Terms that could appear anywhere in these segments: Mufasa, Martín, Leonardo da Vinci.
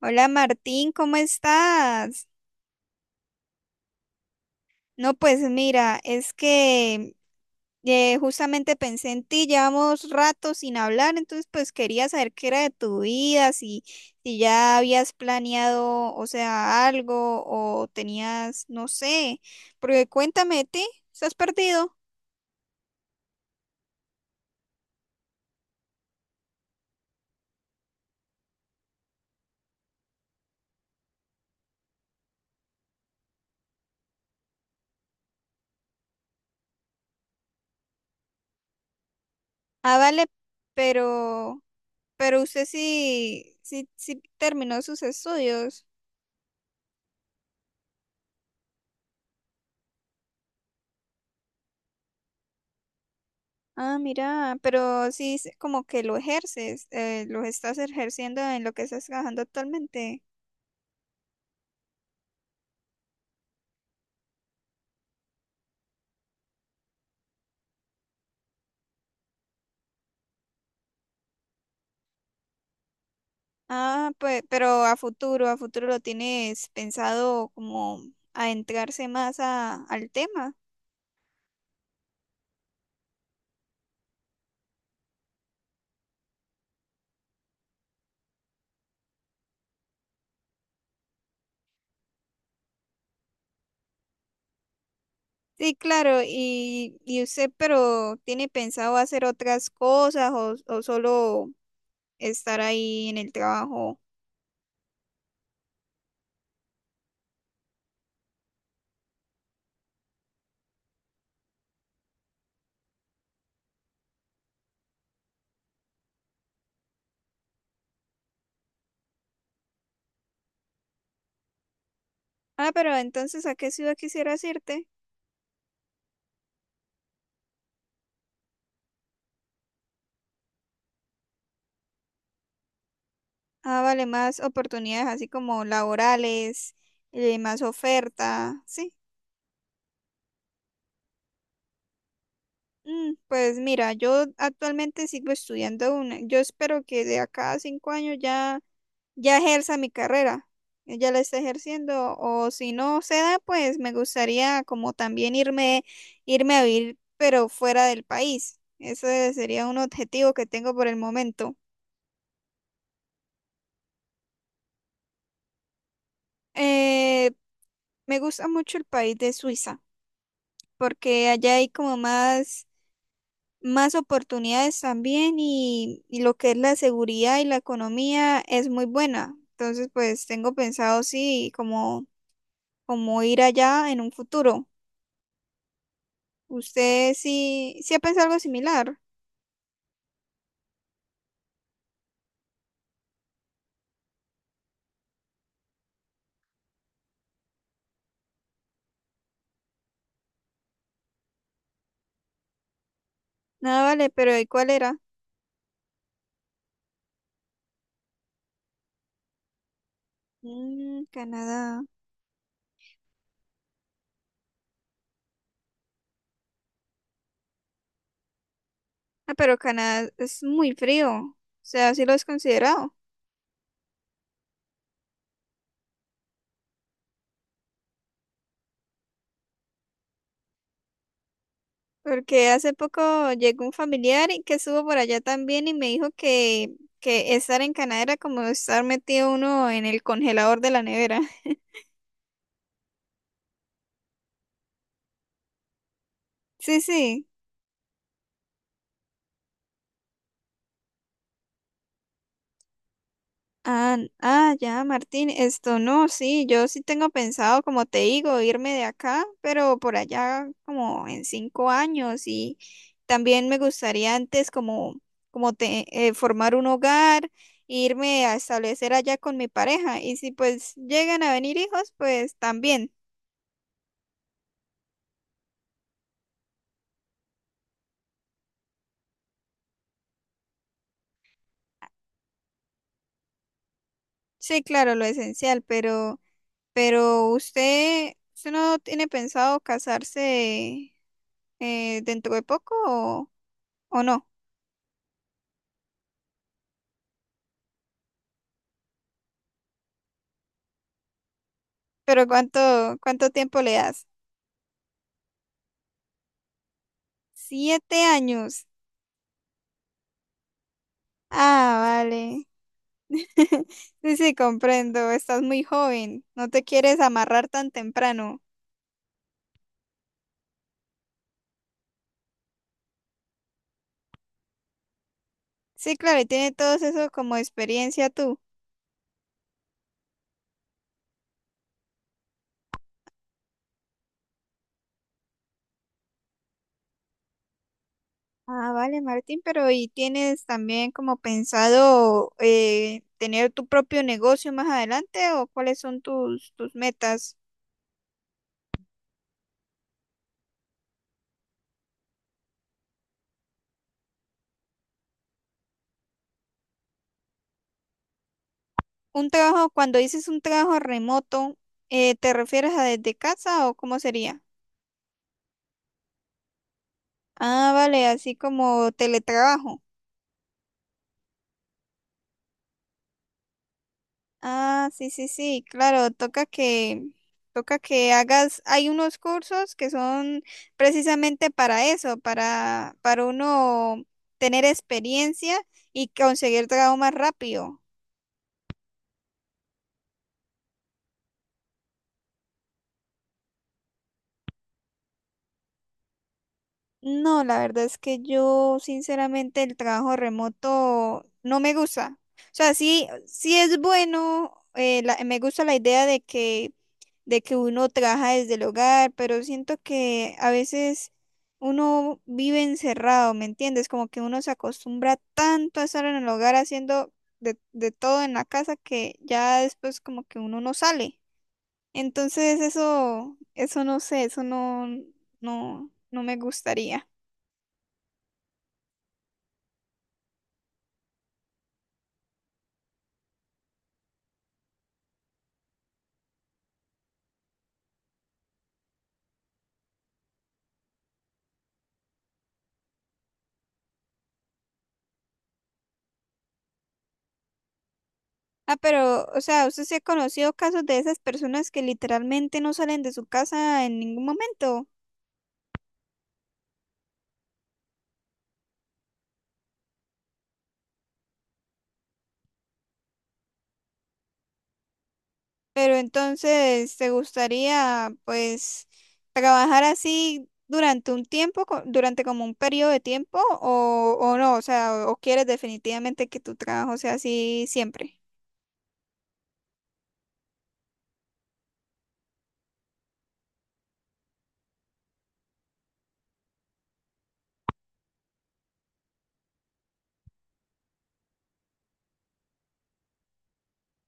Hola Martín, ¿cómo estás? No, pues mira, es que justamente pensé en ti, llevamos rato sin hablar, entonces pues quería saber qué era de tu vida, si ya habías planeado, o sea, algo o tenías, no sé, porque cuéntame de ti, ¿estás perdido? Ah, vale, pero, pero usted sí, sí, sí terminó sus estudios. Ah, mira, pero sí es como que lo ejerces, lo estás ejerciendo en lo que estás trabajando actualmente. Ah, pues, pero a futuro lo tienes pensado como adentrarse más al tema. Sí, claro, y usted, pero ¿tiene pensado hacer otras cosas o solo estar ahí en el trabajo? Ah, pero entonces, ¿a qué ciudad quisieras irte? Ah, vale, más oportunidades así como laborales, más oferta, ¿sí? Mm, pues mira, yo actualmente sigo estudiando una. Yo espero que de acá a 5 años ya, ya ejerza mi carrera. Ya la esté ejerciendo. O si no se da, pues me gustaría como también irme a vivir, pero fuera del país. Ese sería un objetivo que tengo por el momento. Eh, Me gusta mucho el país de Suiza, porque allá hay como más más oportunidades también y lo que es la seguridad y la economía es muy buena. Entonces, pues tengo pensado sí, como, como ir allá en un futuro. ¿Usted sí, sí ha pensado algo similar? Nada, vale, pero ¿y cuál era? Mm, Canadá. Ah, pero Canadá es muy frío. O sea, sí lo has considerado. Porque hace poco llegó un familiar y que estuvo por allá también y me dijo que estar en Canadá era como estar metido uno en el congelador de la nevera. Sí, sí. Ah, ah, ya, Martín, esto no, sí, yo sí tengo pensado, como te digo, irme de acá, pero por allá como en 5 años y también me gustaría antes como, como te, formar un hogar, irme a establecer allá con mi pareja y si pues llegan a venir hijos, pues también. Sí, claro, lo esencial, pero usted, ¿usted no tiene pensado casarse dentro de poco o no? Pero ¿cuánto tiempo le das? 7 años. Ah, vale. Sí, sí, comprendo. Estás muy joven. No te quieres amarrar tan temprano. Sí, claro, y tiene todo eso como experiencia tú. Ah, vale, Martín, pero ¿y tienes también como pensado tener tu propio negocio más adelante o cuáles son tus, tus metas? Un trabajo, cuando dices un trabajo remoto, ¿te refieres a desde casa o cómo sería? Ah, vale, así como teletrabajo. Ah, sí, sí, sí, claro, toca toca que hagas, hay unos cursos que son precisamente para eso, para uno tener experiencia y conseguir trabajo más rápido. No, la verdad es que yo, sinceramente, el trabajo remoto no me gusta. O sea, sí, sí es bueno, me gusta la idea de que uno trabaja desde el hogar, pero siento que a veces uno vive encerrado, ¿me entiendes? Como que uno se acostumbra tanto a estar en el hogar haciendo de todo en la casa que ya después como que uno no sale. Entonces eso no sé, eso no, no me gustaría. Ah, pero, o sea, ¿usted se ha conocido casos de esas personas que literalmente no salen de su casa en ningún momento? Pero entonces, ¿te gustaría pues trabajar así durante un tiempo, durante como un periodo de tiempo o no? O sea, o quieres definitivamente que tu trabajo sea así siempre?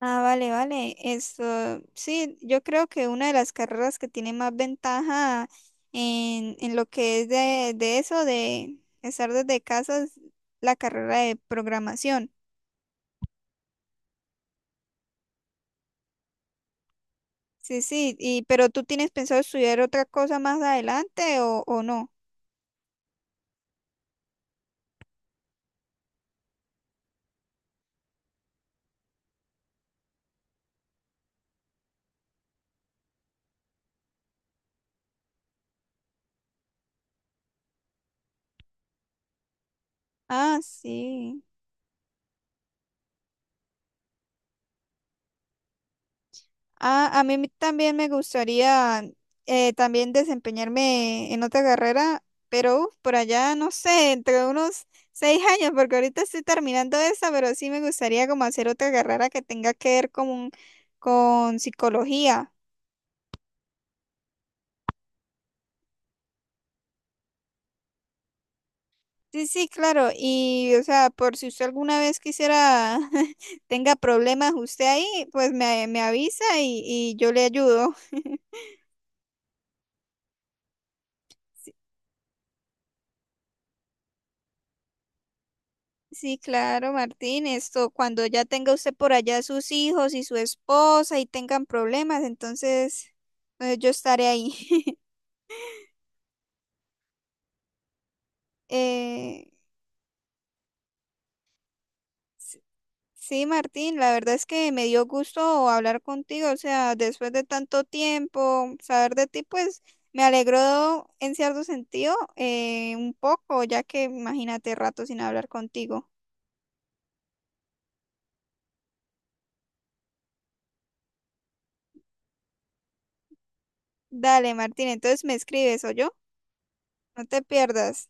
Ah, vale, vale. Esto, sí, yo creo que una de las carreras que tiene más ventaja en lo que es de eso, de estar desde casa, es la carrera de programación. Sí, sí, y pero ¿tú tienes pensado estudiar otra cosa más adelante o no? Ah, sí. Ah, también me gustaría también desempeñarme en otra carrera, pero uf, por allá, no sé, entre unos 6 años, porque ahorita estoy terminando esa, pero sí me gustaría como hacer otra carrera que tenga que ver con psicología. Sí, sí, claro. Y, o sea, por si usted alguna vez quisiera, tenga problemas usted ahí, pues me avisa y yo le ayudo. Sí, claro, Martín, esto cuando ya tenga usted por allá sus hijos y su esposa y tengan problemas, entonces yo estaré ahí. Eh, s- sí, Martín, la verdad es que me dio gusto hablar contigo, o sea, después de tanto tiempo, saber de ti, pues me alegró en cierto sentido un poco, ya que imagínate rato sin hablar contigo. Dale, Martín, entonces me escribes, ¿o yo, No te pierdas.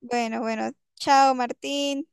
Bueno, bueno, chao, Martín.